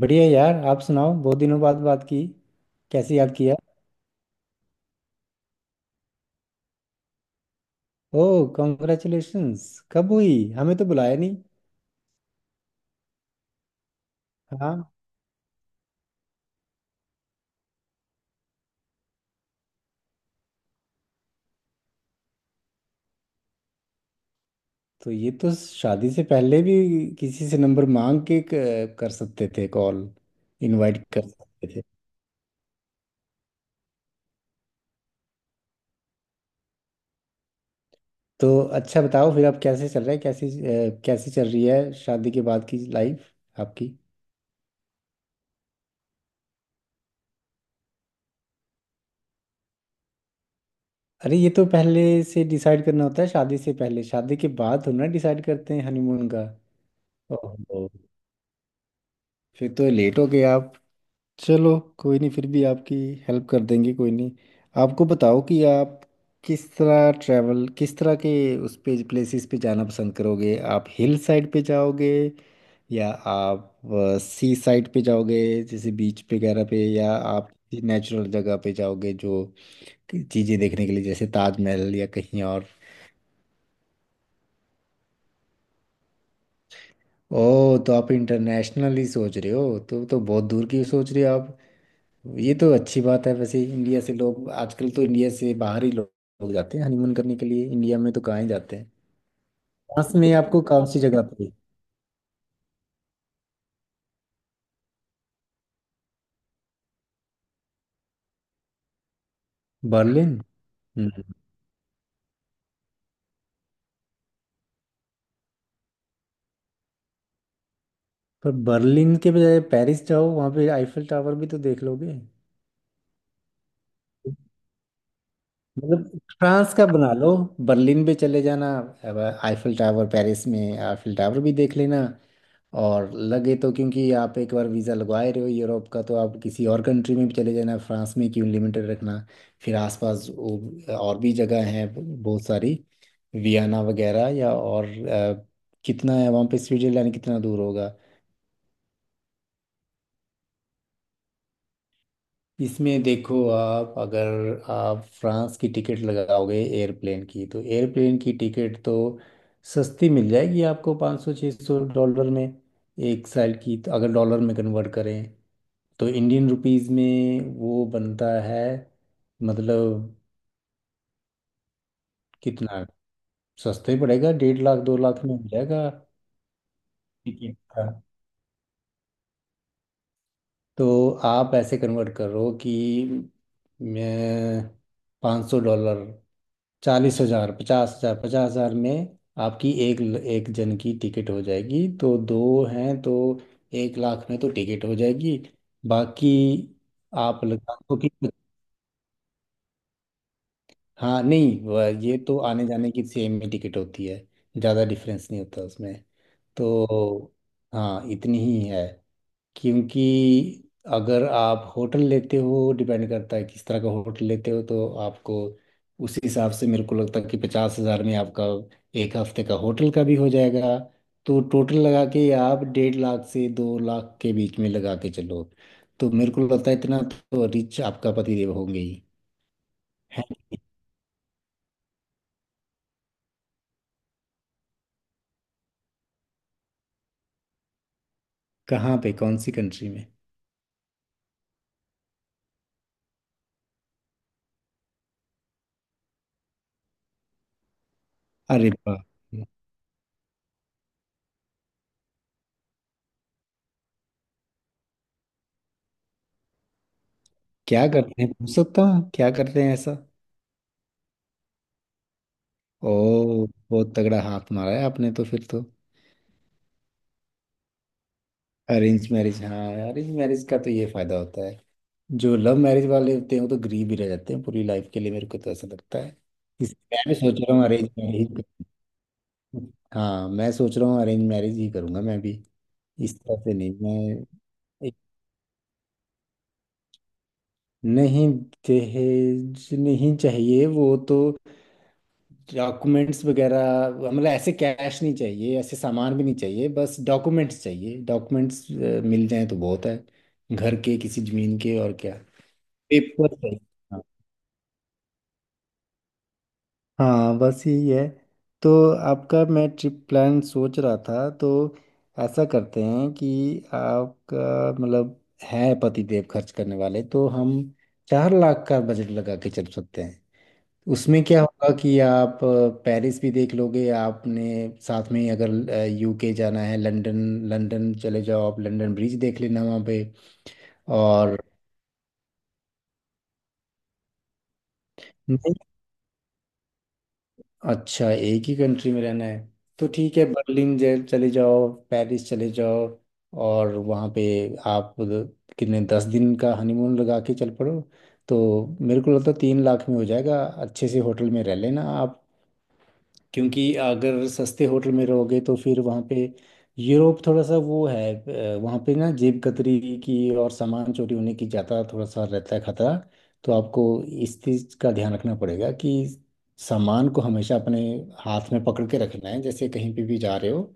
बढ़िया यार आप सुनाओ बहुत दिनों बाद बात की। कैसे याद किया। ओह कॉन्ग्रेचुलेशंस। कब हुई हमें तो बुलाया नहीं। हाँ। तो ये तो शादी से पहले भी किसी से नंबर मांग के कर सकते थे कॉल। इनवाइट कर सकते थे। तो अच्छा बताओ फिर अब कैसे चल रहा है, कैसी चल रही है शादी के बाद की लाइफ आपकी। अरे ये तो पहले से डिसाइड करना होता है शादी से पहले, शादी के बाद थोड़ी ना डिसाइड करते हैं हनीमून का। ओहो। फिर तो लेट हो गए आप। चलो कोई नहीं, फिर भी आपकी हेल्प कर देंगे, कोई नहीं। आपको बताओ कि आप किस तरह ट्रैवल, किस तरह के उस पे प्लेसेस पे जाना पसंद करोगे। आप हिल साइड पे जाओगे या आप सी साइड पे जाओगे जैसे बीच वगैरह पे, या आप नेचुरल जगह पे जाओगे जो चीज़ें देखने के लिए, जैसे ताजमहल या कहीं और। ओ तो आप इंटरनेशनली सोच रहे हो, तो बहुत दूर की सोच रहे हो आप। ये तो अच्छी बात है, वैसे इंडिया से लोग आजकल तो इंडिया से बाहर ही लोग लोग जाते हैं हनीमून करने के लिए, इंडिया में तो कहाँ ही जाते हैं। फ्रांस में आपको कौन सी जगह पे। बर्लिन। हम्म। पर बर्लिन के बजाय पेरिस जाओ, वहाँ पे आईफिल टावर भी तो देख लोगे। मतलब फ्रांस का बना लो, बर्लिन भी चले जाना। अब आईफिल टावर, पेरिस में आईफिल टावर भी देख लेना। और लगे तो, क्योंकि आप एक बार वीज़ा लगवाए रहे हो यूरोप का, तो आप किसी और कंट्री में भी चले जाना। फ्रांस में क्यों लिमिटेड रखना। फिर आसपास और भी जगह हैं बहुत सारी, वियना वगैरह या और कितना है वहाँ पे, स्विट्जरलैंड कितना दूर होगा। इसमें देखो, आप अगर आप फ्रांस की टिकट लगाओगे एयरप्लेन की, तो एयरप्लेन की टिकट तो सस्ती मिल जाएगी आपको 500 सौ $600 में, एक साल की। तो अगर डॉलर में कन्वर्ट करें तो इंडियन रुपीस में वो बनता है, मतलब कितना, सस्ते पड़ेगा, 1.5 लाख 2 लाख में हो जाएगा टिकट का। तो आप ऐसे कन्वर्ट करो कि मैं, $500, 40 हजार 50 हजार 50 हजार में आपकी एक एक जन की टिकट हो जाएगी, तो दो हैं तो 1 लाख में तो टिकट हो जाएगी। बाकी आप लगा लो कि, हाँ नहीं ये तो आने जाने की सेम ही टिकट होती है, ज़्यादा डिफरेंस नहीं होता उसमें। तो हाँ इतनी ही है। क्योंकि अगर आप होटल लेते हो, डिपेंड करता है किस तरह का होटल लेते हो, तो आपको उसी हिसाब से मेरे को लगता है कि 50 हज़ार में आपका 1 हफ्ते का होटल का भी हो जाएगा। तो टोटल लगा के आप 1.5 लाख से 2 लाख के बीच में लगा के चलो। तो मेरे को लगता है इतना तो रिच आपका पतिदेव होंगे ही। है। कहाँ पे, कौन सी कंट्री में। अरे वाह। क्या करते हैं, पूछ सकता हूँ क्या करते हैं ऐसा। ओ। बहुत तगड़ा हाथ मारा है आपने तो, फिर तो। अरेंज मैरिज, हाँ, अरेंज मैरिज का तो ये फायदा होता है। जो लव मैरिज वाले होते हैं वो तो गरीब ही रह जाते हैं पूरी लाइफ के लिए, मेरे को तो ऐसा लगता है। इसलिए मैं भी सोच रहा हूँ अरेंज मैरिज। हाँ मैं सोच रहा हूँ अरेंज मैरिज ही करूंगा मैं भी। इस तरह से नहीं मैं, एक- नहीं, दहेज नहीं चाहिए वो तो, डॉक्यूमेंट्स वगैरह, मतलब ऐसे कैश नहीं चाहिए, ऐसे सामान भी नहीं चाहिए, बस डॉक्यूमेंट्स चाहिए। डॉक्यूमेंट्स मिल जाएं तो बहुत है, घर के किसी जमीन के और क्या पेपर है। हाँ। हाँ, बस यही है। तो आपका मैं ट्रिप प्लान सोच रहा था, तो ऐसा करते हैं कि आपका मतलब है पति देव खर्च करने वाले, तो हम 4 लाख का बजट लगा के चल सकते हैं। उसमें क्या होगा कि आप पेरिस भी देख लोगे। आपने साथ में ही अगर यूके जाना है, लंदन, लंदन चले जाओ आप, लंदन ब्रिज देख लेना वहाँ पे। और अच्छा एक ही कंट्री में रहना है, तो ठीक है, बर्लिन चले जाओ, पेरिस चले जाओ। और वहाँ पे आप उधर कितने, 10 दिन का हनीमून लगा के चल पड़ो। तो मेरे को लगता है 3 लाख में हो जाएगा, अच्छे से होटल में रह लेना आप। क्योंकि अगर सस्ते होटल में रहोगे तो फिर वहाँ पे यूरोप थोड़ा सा वो है, वहाँ पे ना जेब कतरी की और सामान चोरी होने की ज़्यादा थोड़ा सा रहता है खतरा। तो आपको इस चीज़ का ध्यान रखना पड़ेगा कि सामान को हमेशा अपने हाथ में पकड़ के रखना है, जैसे कहीं पे भी जा रहे हो,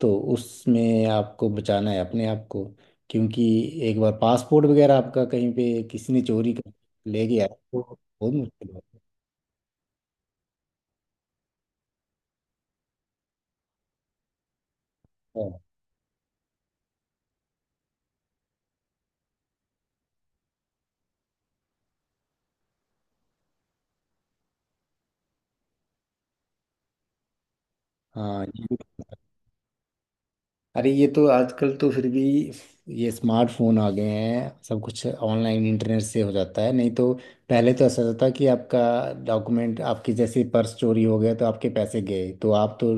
तो उसमें आपको बचाना है अपने आप को। क्योंकि एक बार पासपोर्ट वगैरह आपका कहीं पे किसी ने चोरी कर ले गया तो बहुत मुश्किल होता है। हाँ, अरे ये तो आजकल तो फिर भी ये स्मार्टफोन आ गए हैं, सब कुछ ऑनलाइन इंटरनेट से हो जाता है। नहीं तो पहले तो ऐसा होता था कि आपका डॉक्यूमेंट, आपकी जैसे पर्स चोरी हो गया तो आपके पैसे गए, तो आप तो,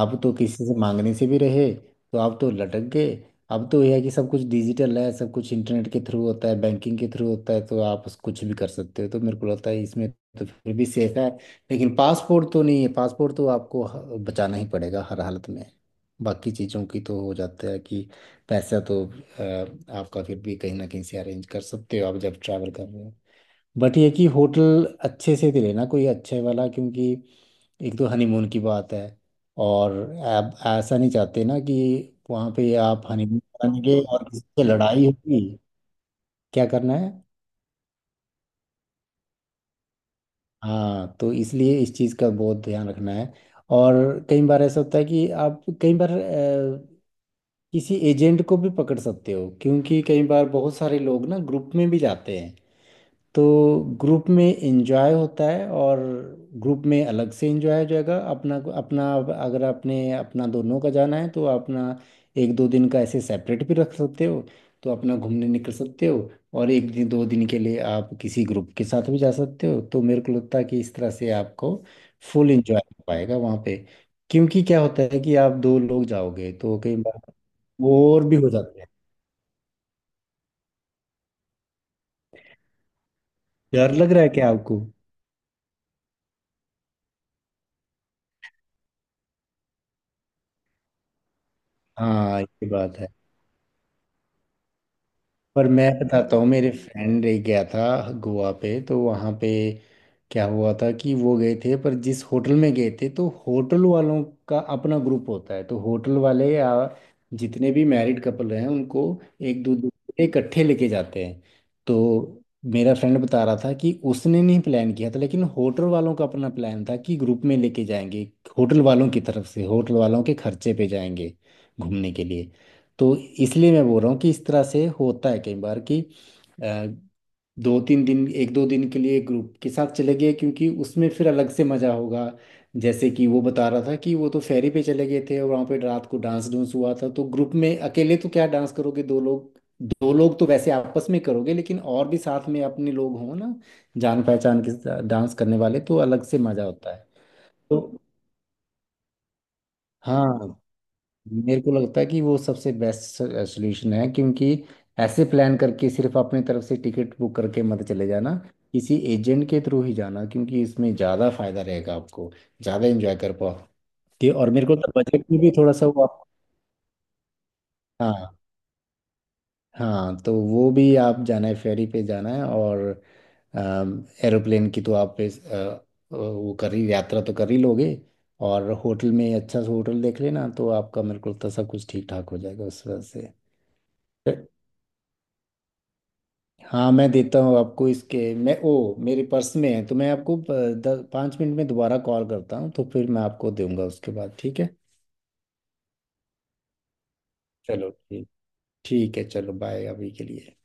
आप तो किसी से मांगने से भी रहे, तो आप तो लटक गए। अब तो यह है कि सब कुछ डिजिटल है, सब कुछ इंटरनेट के थ्रू होता है, बैंकिंग के थ्रू होता है, तो आप कुछ भी कर सकते हो। तो मेरे को लगता है इसमें तो फिर भी सेफ है। लेकिन पासपोर्ट तो नहीं है, पासपोर्ट तो आपको बचाना ही पड़ेगा हर हालत में। बाकी चीज़ों की तो हो जाता है कि पैसा तो आपका फिर भी कहीं ना कहीं से अरेंज कर सकते हो, आप जब ट्रैवल कर रहे हो। बट ये कि होटल अच्छे से दे लेना कोई अच्छे वाला, क्योंकि एक तो हनीमून की बात है और आप ऐसा नहीं चाहते ना कि वहाँ पे आप हनीमून करेंगे और किसी से लड़ाई होगी। क्या करना है। हाँ तो इसलिए इस चीज़ का बहुत ध्यान रखना है। और कई बार ऐसा होता है कि आप कई बार किसी एजेंट को भी पकड़ सकते हो, क्योंकि कई बार बहुत सारे लोग ना ग्रुप में भी जाते हैं। तो ग्रुप में एंजॉय होता है, और ग्रुप में अलग से एंजॉय हो जाएगा अपना अपना। अगर आपने अपना दोनों का जाना है तो अपना एक दो दिन का ऐसे सेपरेट भी रख सकते हो, तो अपना घूमने निकल सकते हो, और एक दिन दो दिन के लिए आप किसी ग्रुप के साथ भी जा सकते हो। तो मेरे को लगता है कि इस तरह से आपको फुल एंजॉय हो पाएगा वहाँ पे। क्योंकि क्या होता है कि आप दो लोग जाओगे तो कई बार और भी हो जाते हैं। डर लग रहा है क्या आपको। हाँ ये बात है। पर मैं बताता हूँ, मेरे फ्रेंड एक गया था गोवा पे, तो वहाँ पे क्या हुआ था कि वो गए थे, पर जिस होटल में गए थे तो होटल वालों का अपना ग्रुप होता है। तो होटल वाले या जितने भी मैरिड कपल हैं उनको एक दो दूसरे इकट्ठे लेके जाते हैं। तो मेरा फ्रेंड बता रहा था कि उसने नहीं प्लान किया था, लेकिन होटल वालों का अपना प्लान था कि ग्रुप में लेके जाएंगे, होटल वालों की तरफ से होटल वालों के खर्चे पे जाएंगे घूमने के लिए। तो इसलिए मैं बोल रहा हूँ कि इस तरह से होता है कई बार कि अ, दो तीन दिन, एक दो दिन के लिए ग्रुप के साथ चले गए, क्योंकि उसमें फिर अलग से मजा होगा। जैसे कि वो बता रहा था कि वो तो फेरी पे चले गए थे, और वहाँ पे रात को डांस डूंस हुआ था, तो ग्रुप में अकेले तो क्या डांस करोगे दो लोग। दो लोग तो वैसे आपस में करोगे, लेकिन और भी साथ में अपने लोग हों ना, जान पहचान के साथ डांस करने वाले तो अलग से मजा होता है। तो हाँ मेरे को लगता है कि वो सबसे बेस्ट सोल्यूशन है, क्योंकि ऐसे प्लान करके सिर्फ अपनी तरफ से टिकट बुक करके मत चले जाना। किसी एजेंट के थ्रू ही जाना, क्योंकि इसमें ज़्यादा फायदा रहेगा आपको, ज़्यादा एंजॉय कर पाओगे और मेरे को तो बजट में भी थोड़ा सा वो आप। हाँ। हाँ तो वो भी आप, जाना है फेरी पे जाना है, और एरोप्लेन की तो आप वो कर ही, यात्रा तो कर ही लोगे। और होटल में अच्छा सा होटल देख लेना, तो आपका मेरे को लगता है सब कुछ ठीक ठाक हो जाएगा उस वजह से। हाँ मैं देता हूँ आपको, इसके मैं, ओ मेरे पर्स में है, तो मैं आपको 5 मिनट में दोबारा कॉल करता हूँ, तो फिर मैं आपको दूंगा उसके बाद। ठीक है चलो। ठीक, ठीक है, चलो बाय अभी के लिए।